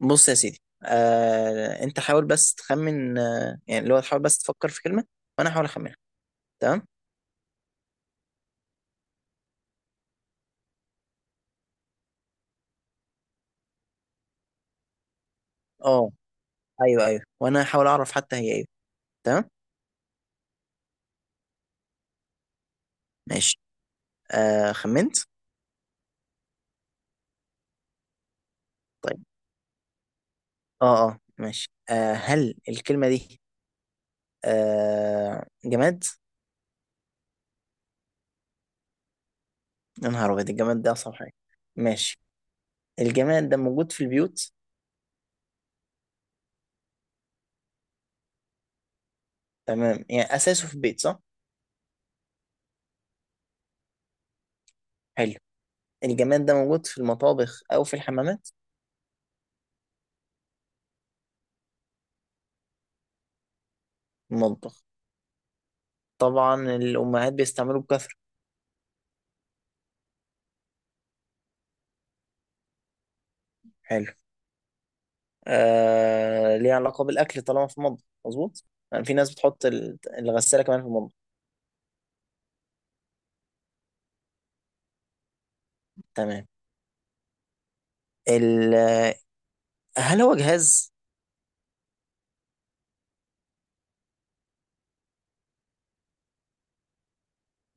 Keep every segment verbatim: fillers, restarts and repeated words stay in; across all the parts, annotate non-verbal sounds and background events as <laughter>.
بص يا سيدي آه، انت حاول بس تخمن آه، يعني اللي هو تحاول بس تفكر في كلمة وانا احاول اخمنها. تمام. اه، ايوه ايوه وانا احاول اعرف حتى هي ايه. تمام، ماشي. آه خمنت. طيب. اه، اه، ماشي. آه هل الكلمة دي آه جماد؟ يا نهار ابيض، الجماد ده اصعب حاجة. ماشي. الجماد ده موجود في البيوت؟ تمام، يعني اساسه في البيت، صح؟ حلو. الجماد ده موجود في المطابخ او في الحمامات؟ المطبخ. طبعا الامهات بيستعملوه بكثرة. حلو. آه ليها علاقة بالأكل طالما في المطبخ، مظبوط. يعني في ناس بتحط ال- الغسالة كمان في المطبخ. تمام. ال... هل هو جهاز؟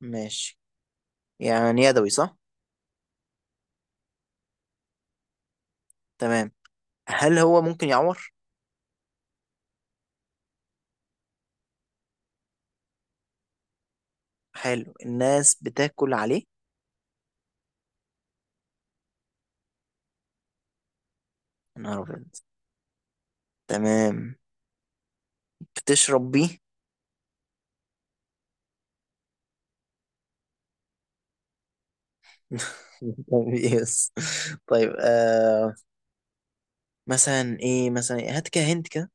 ماشي. يعني يدوي، صح؟ تمام. هل هو ممكن يعور؟ حلو. الناس بتاكل عليه؟ يا نهار أبيض. تمام. بتشرب بيه؟ <laughs> يس. طيب، آه مثلا ايه؟ مثلا إيه؟ هات كده، هنت كده.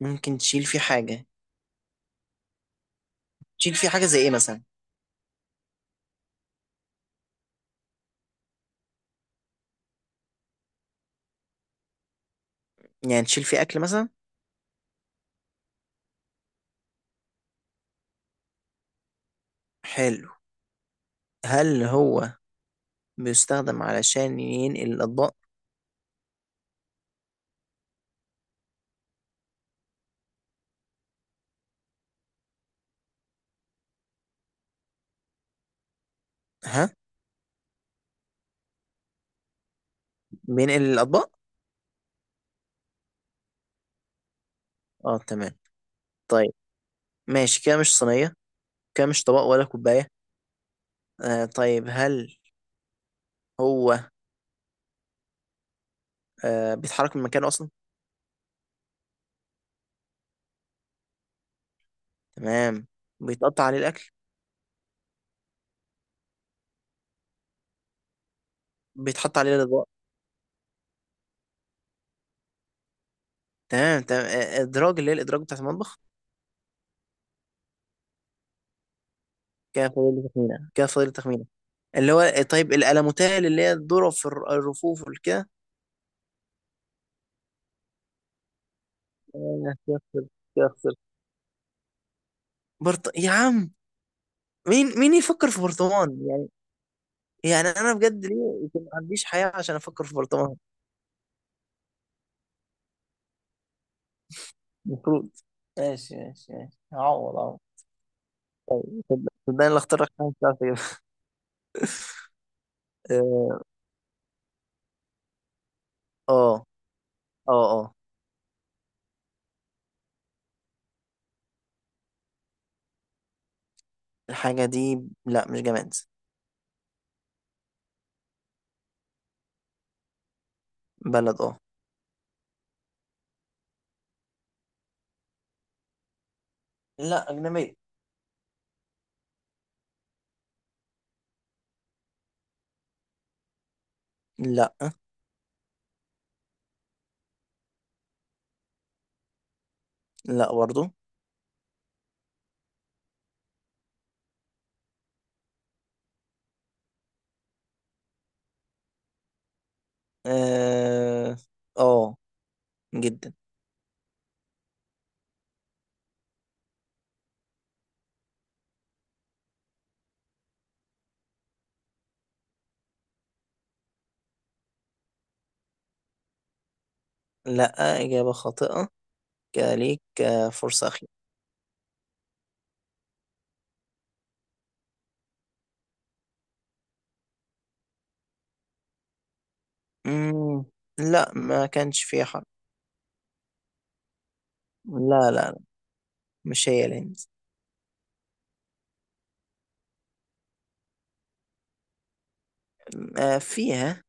ممكن تشيل فيه حاجة؟ تشيل فيه حاجة زي ايه مثلا؟ يعني تشيل فيه أكل مثلا؟ حلو. هل هو بيستخدم علشان ينقل الأطباق؟ ها، بينقل الأطباق. اه، تمام. طيب، ماشي. كده مش صينية، كده مش طبق ولا كوباية. آه طيب، هل هو آه بيتحرك من مكانه أصلا؟ تمام. بيتقطع عليه الأكل؟ بيتحط عليه الأطباق؟ تمام، تمام. آه إدراج، اللي هي الإدراج بتاعت المطبخ. كده فاضل لي تخمينة، كده فاضل لي تخمينة. اللي هو آه، طيب الألموتال اللي هي الذرة في الر- الرفوف والكده. آه، كده خسرت، كده خسرت. برط... يا عم. مين مين يفكر في برطمان يعني؟ يعني انا بجد ليه يكون ما عنديش حياه عشان افكر في برطمان؟ المفروض. ماشي ماشي ماشي، هعوض هعوض. صدقني، اللي اختار لك حاجه مش عارف اجيبها. <laughs> اه، اه، اه. آه. الحاجه دي، لا مش جماد. بلد، اه. لا، أجنبية. لا، لا برضو. اه. آه، جدا. لا، اجابه خاطئه. كليك. آه، فرصه اخيره. مم. لا، ما كانش فيها حرب. لا لا لا، مش هي الهند؟ آه، فيها.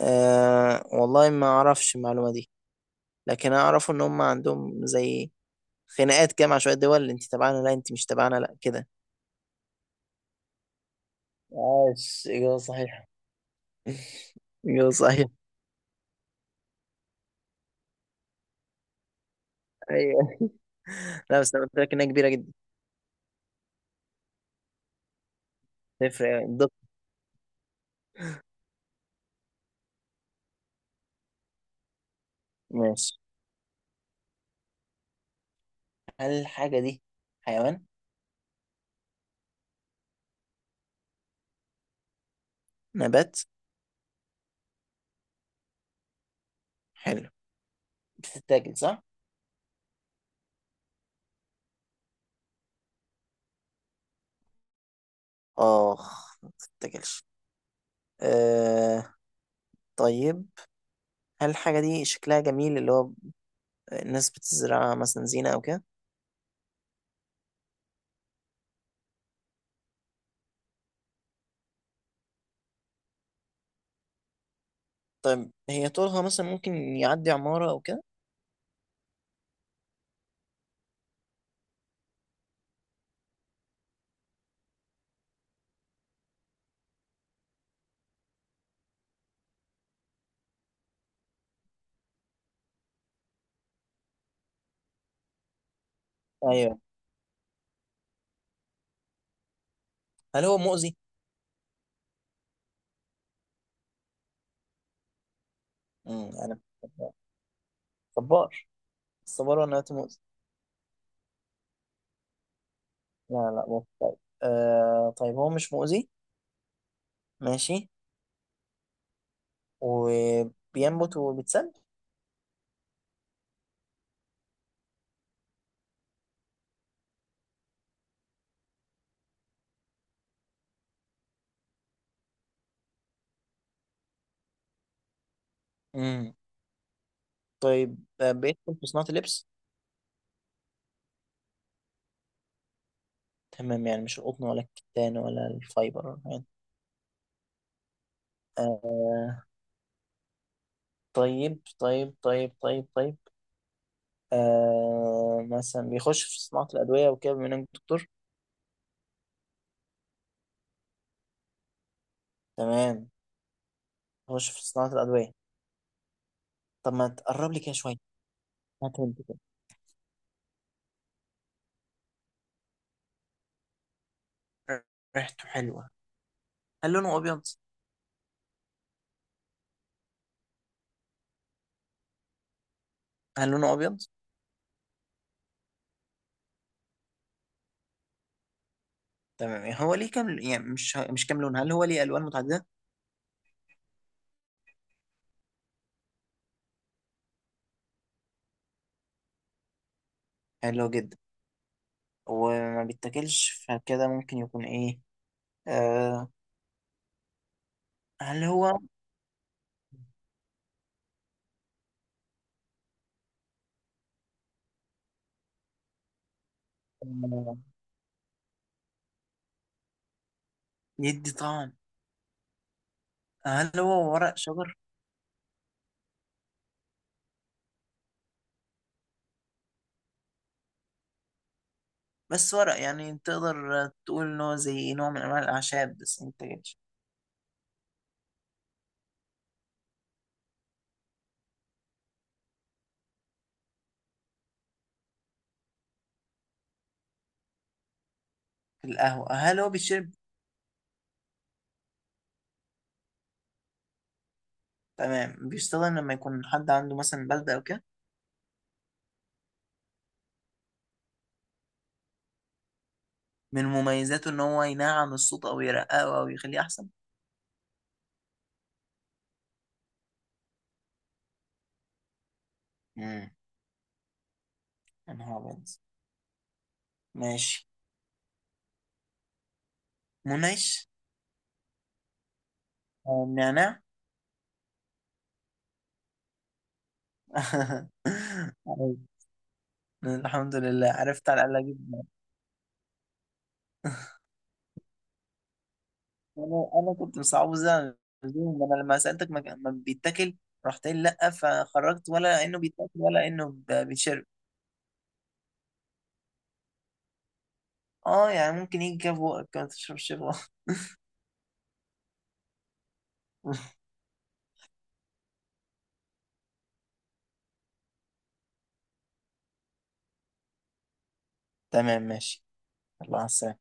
أه، والله ما اعرفش المعلومه دي، لكن انا اعرف ان هم عندهم زي خناقات كده مع شويه دول، انت تبعنا، لا انت مش تبعنا، لا كده. عاش، إجابة صحيحة. <laughs> ايوه، صحيح. أيوه. لا بس انا قلت لك انها كبيره جدا. تفرق يعني الدقة. ماشي. هل الحاجة دي حيوان؟ نبات. حلو. بتتاكل، صح؟ اخ، ما تتاكلش. أه، طيب. هل الحاجه دي شكلها جميل، اللي هو الناس بتزرعها مثلا زينه او كده؟ طيب، هي طولها مثلا ممكن يعدي عمارة أو كده؟ أيوه. هل هو مؤذي؟ امم أنا، صبار. الصبار ولا نبات مؤذي؟ لا، لا مؤذي، طيب. آه طيب، هو مش مؤذي. ماشي. وبينبت وبيتسد؟ امم طيب، آه بيدخل في صناعة اللبس؟ تمام، يعني مش القطن ولا الكتان ولا الفايبر يعني. آه طيب طيب طيب طيب طيب. آه مثلا بيخش في صناعة الأدوية وكده، بما إنك دكتور. تمام، بيخش في صناعة الأدوية. طب ما تقرب لي كده شويه، هات، هنت كده. ريحته حلوه. هل لونه ابيض؟ هل لونه ابيض؟ تمام، يعني هو ليه كام، يعني مش مش كام لون، هل هو ليه الوان متعدده؟ حلو جدا. وما بيتاكلش فكده ممكن يكون ايه؟ آه هل هو آه، يدي طعم؟ هل هو ورق شجر؟ بس ورق، يعني تقدر تقول ان هو زي نوع من انواع الاعشاب بس ما بيتاكلش. القهوه، هل هو بيشرب؟ تمام، بيستخدم لما يكون حد عنده مثلا بلدة او كده؟ من مميزاته ان هو ينعم الصوت او يرققه او يخليه احسن؟ مم. يا نهار ابيض. ماشي، منعش. آه، نعناع. <laughs> عارف. الحمد لله عرفت على الاقل اجيب. انا انا كنت مصعبه، زي ما انا لما سالتك ما كان- ما بيتاكل. رحت قايل لا، فخرجت ولا انه بيتاكل ولا انه ب- بيتشرب. اه، يعني ممكن يجي كده في بقك، ما تشربش بقك. <laughs> تمام، ماشي. الله على السلامة.